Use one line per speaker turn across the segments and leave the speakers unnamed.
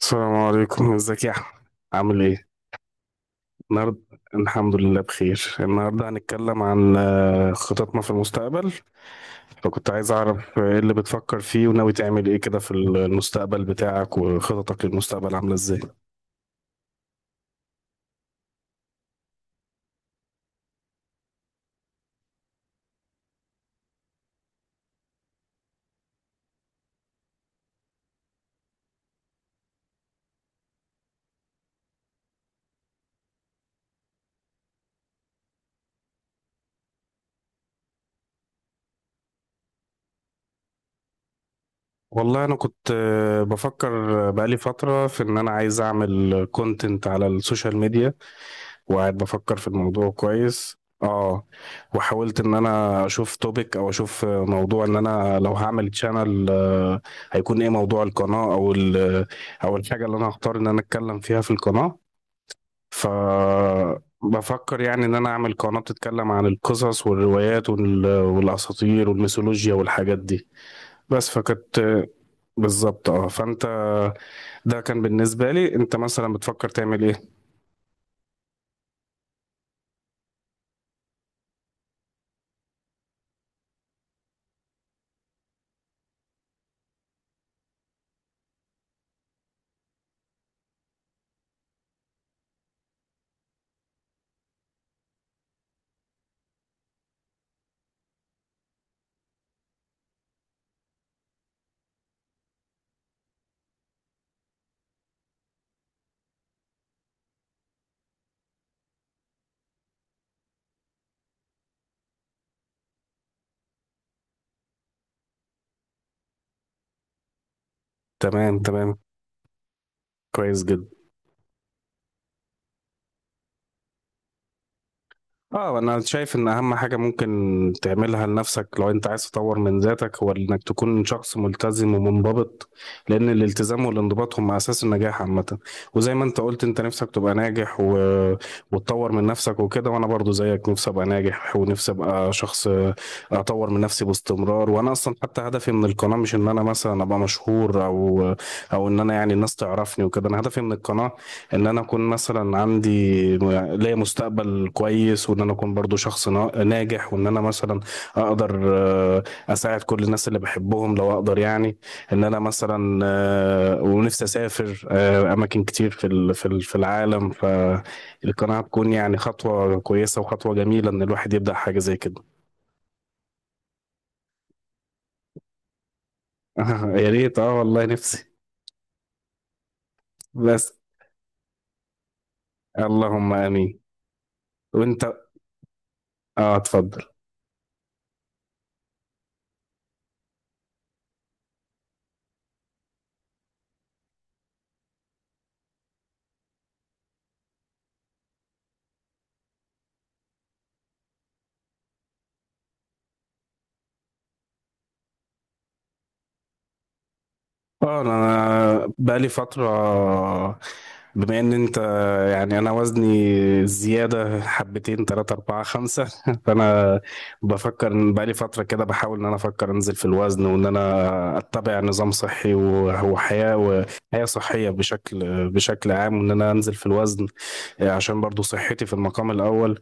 السلام عليكم ازيك يا احمد؟ عامل ايه النهارده؟ الحمد لله بخير. النهارده هنتكلم عن خططنا في المستقبل. فكنت عايز اعرف ايه اللي بتفكر فيه وناوي تعمل ايه كده في المستقبل بتاعك، وخططك للمستقبل عامله ازاي؟ والله انا كنت بفكر بقالي فترة في ان انا عايز اعمل كونتنت على السوشيال ميديا، وقاعد بفكر في الموضوع كويس. اه، وحاولت ان انا اشوف توبيك او اشوف موضوع ان انا لو هعمل تشانل هيكون ايه موضوع القناة، او او الحاجة اللي انا هختار ان انا اتكلم فيها في القناة. ف بفكر يعني ان انا اعمل قناة بتتكلم عن القصص والروايات والاساطير والميثولوجيا والحاجات دي. بس بالظبط. اه، فانت، ده كان بالنسبة لي. انت مثلا بتفكر تعمل ايه؟ تمام، تمام. كويس جدا. اه، انا شايف ان اهم حاجة ممكن تعملها لنفسك لو انت عايز تطور من ذاتك هو انك تكون شخص ملتزم ومنضبط. لان الالتزام والانضباط هم اساس النجاح عامة. وزي ما انت قلت انت نفسك تبقى ناجح وتطور من نفسك وكده. وانا برضو زيك، نفسي ابقى ناجح ونفسي ابقى شخص اطور من نفسي باستمرار. وانا اصلا حتى هدفي من القناة مش ان انا مثلا ابقى مشهور، او ان انا يعني الناس تعرفني وكده. انا هدفي من القناة ان انا اكون مثلا عندي م- ليا مستقبل كويس، وان انا اكون برضو شخص ناجح، وان انا مثلا اقدر اساعد كل الناس اللي بحبهم لو اقدر يعني. ان انا مثلا، ونفسي اسافر اماكن كتير في العالم. فالقناعة تكون يعني خطوة كويسة وخطوة جميلة ان الواحد يبدأ حاجة زي كده. يا ريت، اه والله نفسي. بس. اللهم امين. وانت، اه، اتفضل. اه، انا بقالي فترة، بما ان انت، يعني انا وزني زيادة حبتين تلاتة اربعة خمسة فانا بفكر ان بقالي فترة كده بحاول ان انا افكر انزل في الوزن، وان انا اتبع نظام صحي وحياة صحية بشكل عام، وان انا انزل في الوزن. عشان برضو صحتي في المقام الاول.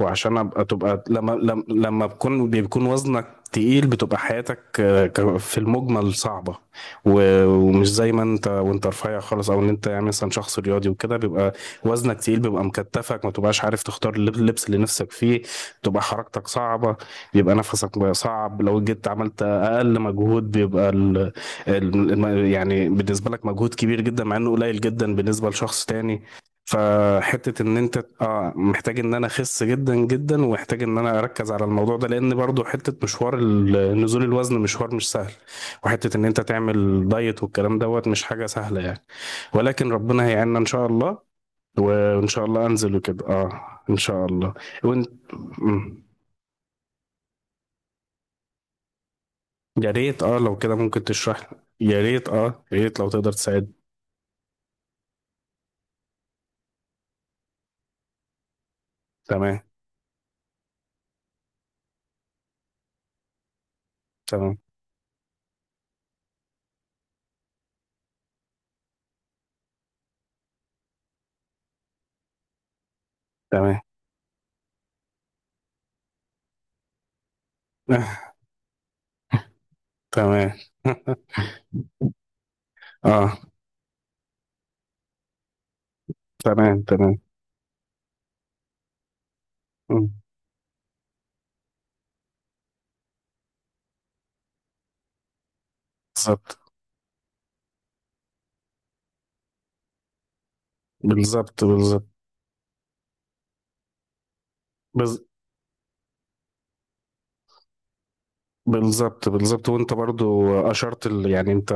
وعشان ابقى تبقى لما بيكون وزنك تقيل بتبقى حياتك في المجمل صعبة. ومش زي ما انت، وانت رفيع خالص او ان انت يعني مثلا شخص رياضي وكده، بيبقى وزنك تقيل، بيبقى مكتفك، ما تبقاش عارف تختار اللبس اللي نفسك فيه، بتبقى حركتك صعبة، بيبقى نفسك بقى صعب. لو جيت عملت اقل مجهود بيبقى يعني بالنسبة لك مجهود كبير جدا، مع انه قليل جدا بالنسبة لشخص تاني. فحتة ان انت اه محتاج ان انا اخس جدا جدا، ومحتاج ان انا اركز على الموضوع ده. لان برضو حتة مشوار نزول الوزن مشوار مش سهل. وحتة ان انت تعمل دايت والكلام دوت مش حاجة سهلة يعني. ولكن ربنا هيعيننا ان شاء الله، وان شاء الله انزل وكده، اه. ان شاء الله. وانت. مم. يا ريت، اه، لو كده ممكن تشرح لي. يا ريت اه، يا ريت لو تقدر تساعد. تمام. تمام. تمام. تمام. اه. تمام. تمام. مم. بالظبط بالظبط. بالظبط. بز- بالظبط. بالظبط. وانت برضو اشرت يعني انت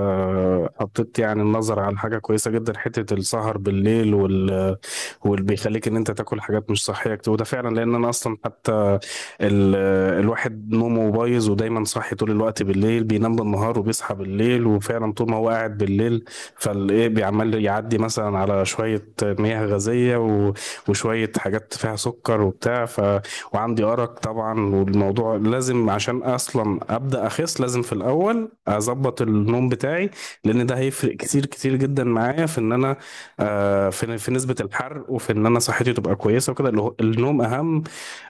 حطيت يعني النظر على حاجه كويسه جدا، حته السهر بالليل واللي بيخليك ان انت تاكل حاجات مش صحيه كتير. وده فعلا، لان انا اصلا حتى ال... الواحد نومه بايظ ودايما صاحي طول الوقت بالليل، بينام بالنهار وبيصحى بالليل. وفعلا طول ما هو قاعد بالليل فالايه بيعمل، يعدي مثلا على شويه مياه غازيه وشويه حاجات فيها سكر وبتاع. وعندي أرق طبعا، والموضوع لازم، عشان أصلا أبدأ أخس لازم في الأول أظبط النوم بتاعي. لأن ده هيفرق كتير كتير جدا معايا في إن أنا في نسبة الحرق، وفي إن أنا صحتي تبقى كويسة وكده. اللي النوم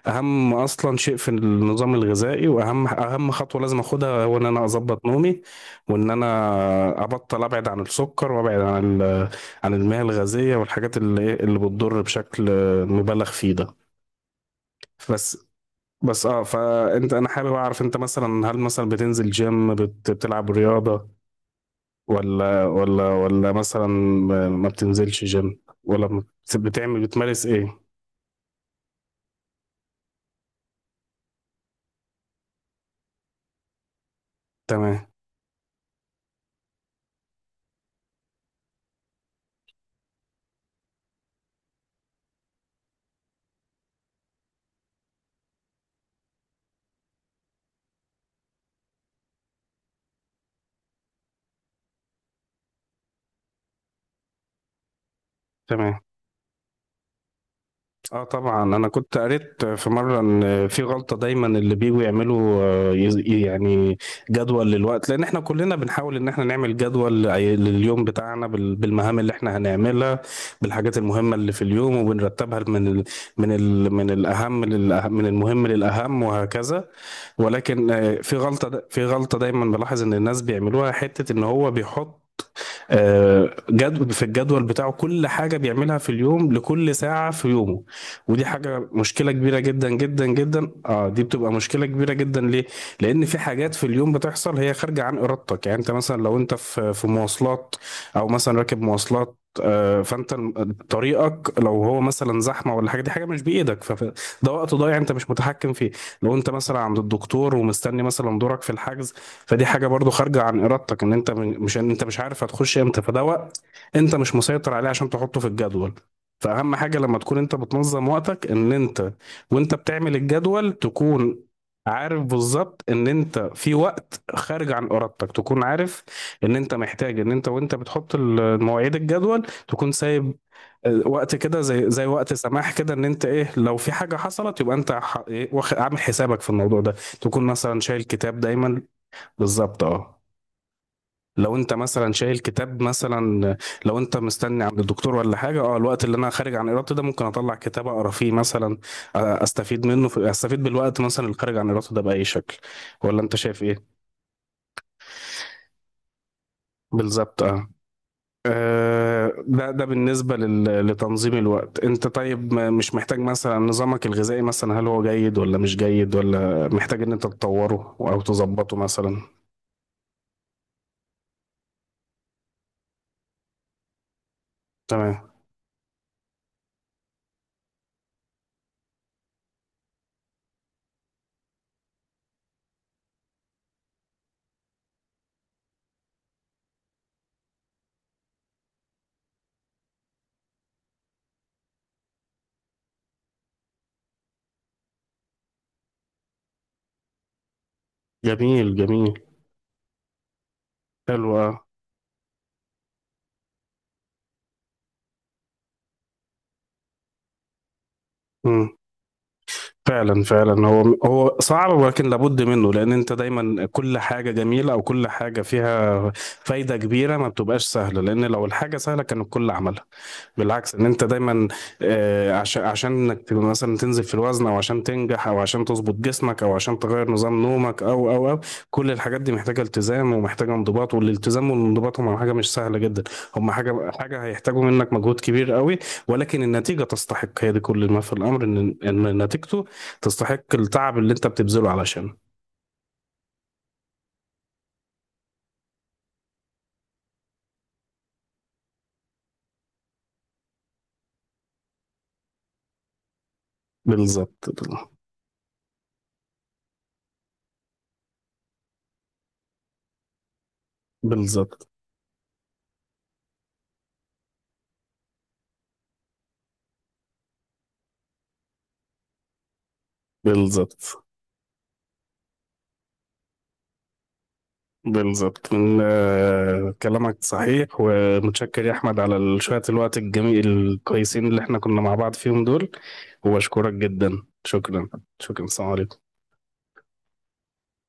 أهم أصلا شيء في النظام الغذائي. وأهم خطوة لازم أخدها هو إن أنا أظبط نومي، وإن أنا أبطل أبعد عن السكر وأبعد عن عن المياه الغازية والحاجات، اللي بتضر بشكل مبالغ فيه ده. بس. بس اه، فانت انا حابب اعرف انت مثلا، هل مثلا بتنزل جيم، بتلعب رياضة، ولا مثلا ما بتنزلش جيم، ولا بت- بتعمل بتمارس ايه؟ تمام. تمام. اه طبعا، انا كنت قريت في مره ان في غلطه دايما اللي بيجوا يعملوا، يعني جدول للوقت. لان احنا كلنا بنحاول ان احنا نعمل جدول لليوم بتاعنا بالمهام اللي احنا هنعملها، بالحاجات المهمه اللي في اليوم، وبنرتبها من ال من ال من الاهم للأه- من المهم للاهم، وهكذا. ولكن في غلطه دايما بلاحظ ان الناس بيعملوها، حته ان هو بيحط جد في الجدول بتاعه كل حاجة بيعملها في اليوم، لكل ساعة في يومه. ودي حاجة، مشكلة كبيرة جدا جدا جدا. اه، دي بتبقى مشكلة كبيرة جدا. ليه؟ لأن في حاجات في اليوم بتحصل هي خارجة عن إرادتك. يعني أنت مثلا لو أنت في مواصلات أو مثلا راكب مواصلات، فانت طريقك لو هو مثلا زحمه ولا حاجه، دي حاجه مش بايدك، فده وقت ضايع انت مش متحكم فيه. لو انت مثلا عند الدكتور ومستني مثلا دورك في الحجز، فدي حاجه برضو خارجه عن ارادتك. ان انت مش، ان انت مش عارف هتخش امتى، فده وقت انت مش مسيطر عليه عشان تحطه في الجدول. فاهم حاجه، لما تكون انت بتنظم وقتك، ان انت وانت بتعمل الجدول تكون عارف بالظبط ان انت في وقت خارج عن ارادتك. تكون عارف ان انت محتاج ان انت وانت بتحط المواعيد الجدول تكون سايب وقت كده، زي وقت سماح كده، ان انت ايه لو في حاجه حصلت يبقى انت عامل حسابك في الموضوع ده. تكون مثلا شايل كتاب دايما. بالظبط، اه. لو انت مثلا شايل كتاب مثلا، لو انت مستني عند الدكتور ولا حاجه، اه، الوقت اللي انا خارج عن ارادتي ده، ممكن اطلع كتاب اقرا فيه مثلا. استفيد منه، في استفيد بالوقت مثلا اللي خارج عن ارادته ده باي شكل. ولا انت شايف ايه؟ بالظبط، اه. ده بالنسبه لتنظيم الوقت. انت طيب مش محتاج مثلا، نظامك الغذائي مثلا هل هو جيد ولا مش جيد، ولا محتاج ان انت تطوره او تظبطه مثلا؟ تمام. جميل، جميل. حلو. اه، فعلا فعلا، هو صعب، ولكن لابد منه. لان انت دايما كل حاجه جميله، او كل حاجه فيها فايده كبيره، ما بتبقاش سهله. لان لو الحاجه سهله كان الكل عملها. بالعكس، ان انت دايما، عشان انك تبقى مثلا تنزل في الوزن، او عشان تنجح، او عشان تظبط جسمك، او عشان تغير نظام نومك، او، كل الحاجات دي محتاجه التزام ومحتاجه انضباط. والالتزام والانضباط هم حاجه مش سهله جدا. هم حاجه، هيحتاجوا منك مجهود كبير قوي. ولكن النتيجه تستحق. هي دي كل ما في الامر، ان نتيجته تستحق التعب اللي انت بتبذله علشان. بالظبط. بالظبط. بالظبط. بالظبط. من كلامك صحيح. ومتشكر يا احمد على شوية الوقت الجميل الكويسين اللي احنا كنا مع بعض فيهم دول. وبشكرك جدا. شكرا. شكرا. السلام عليكم.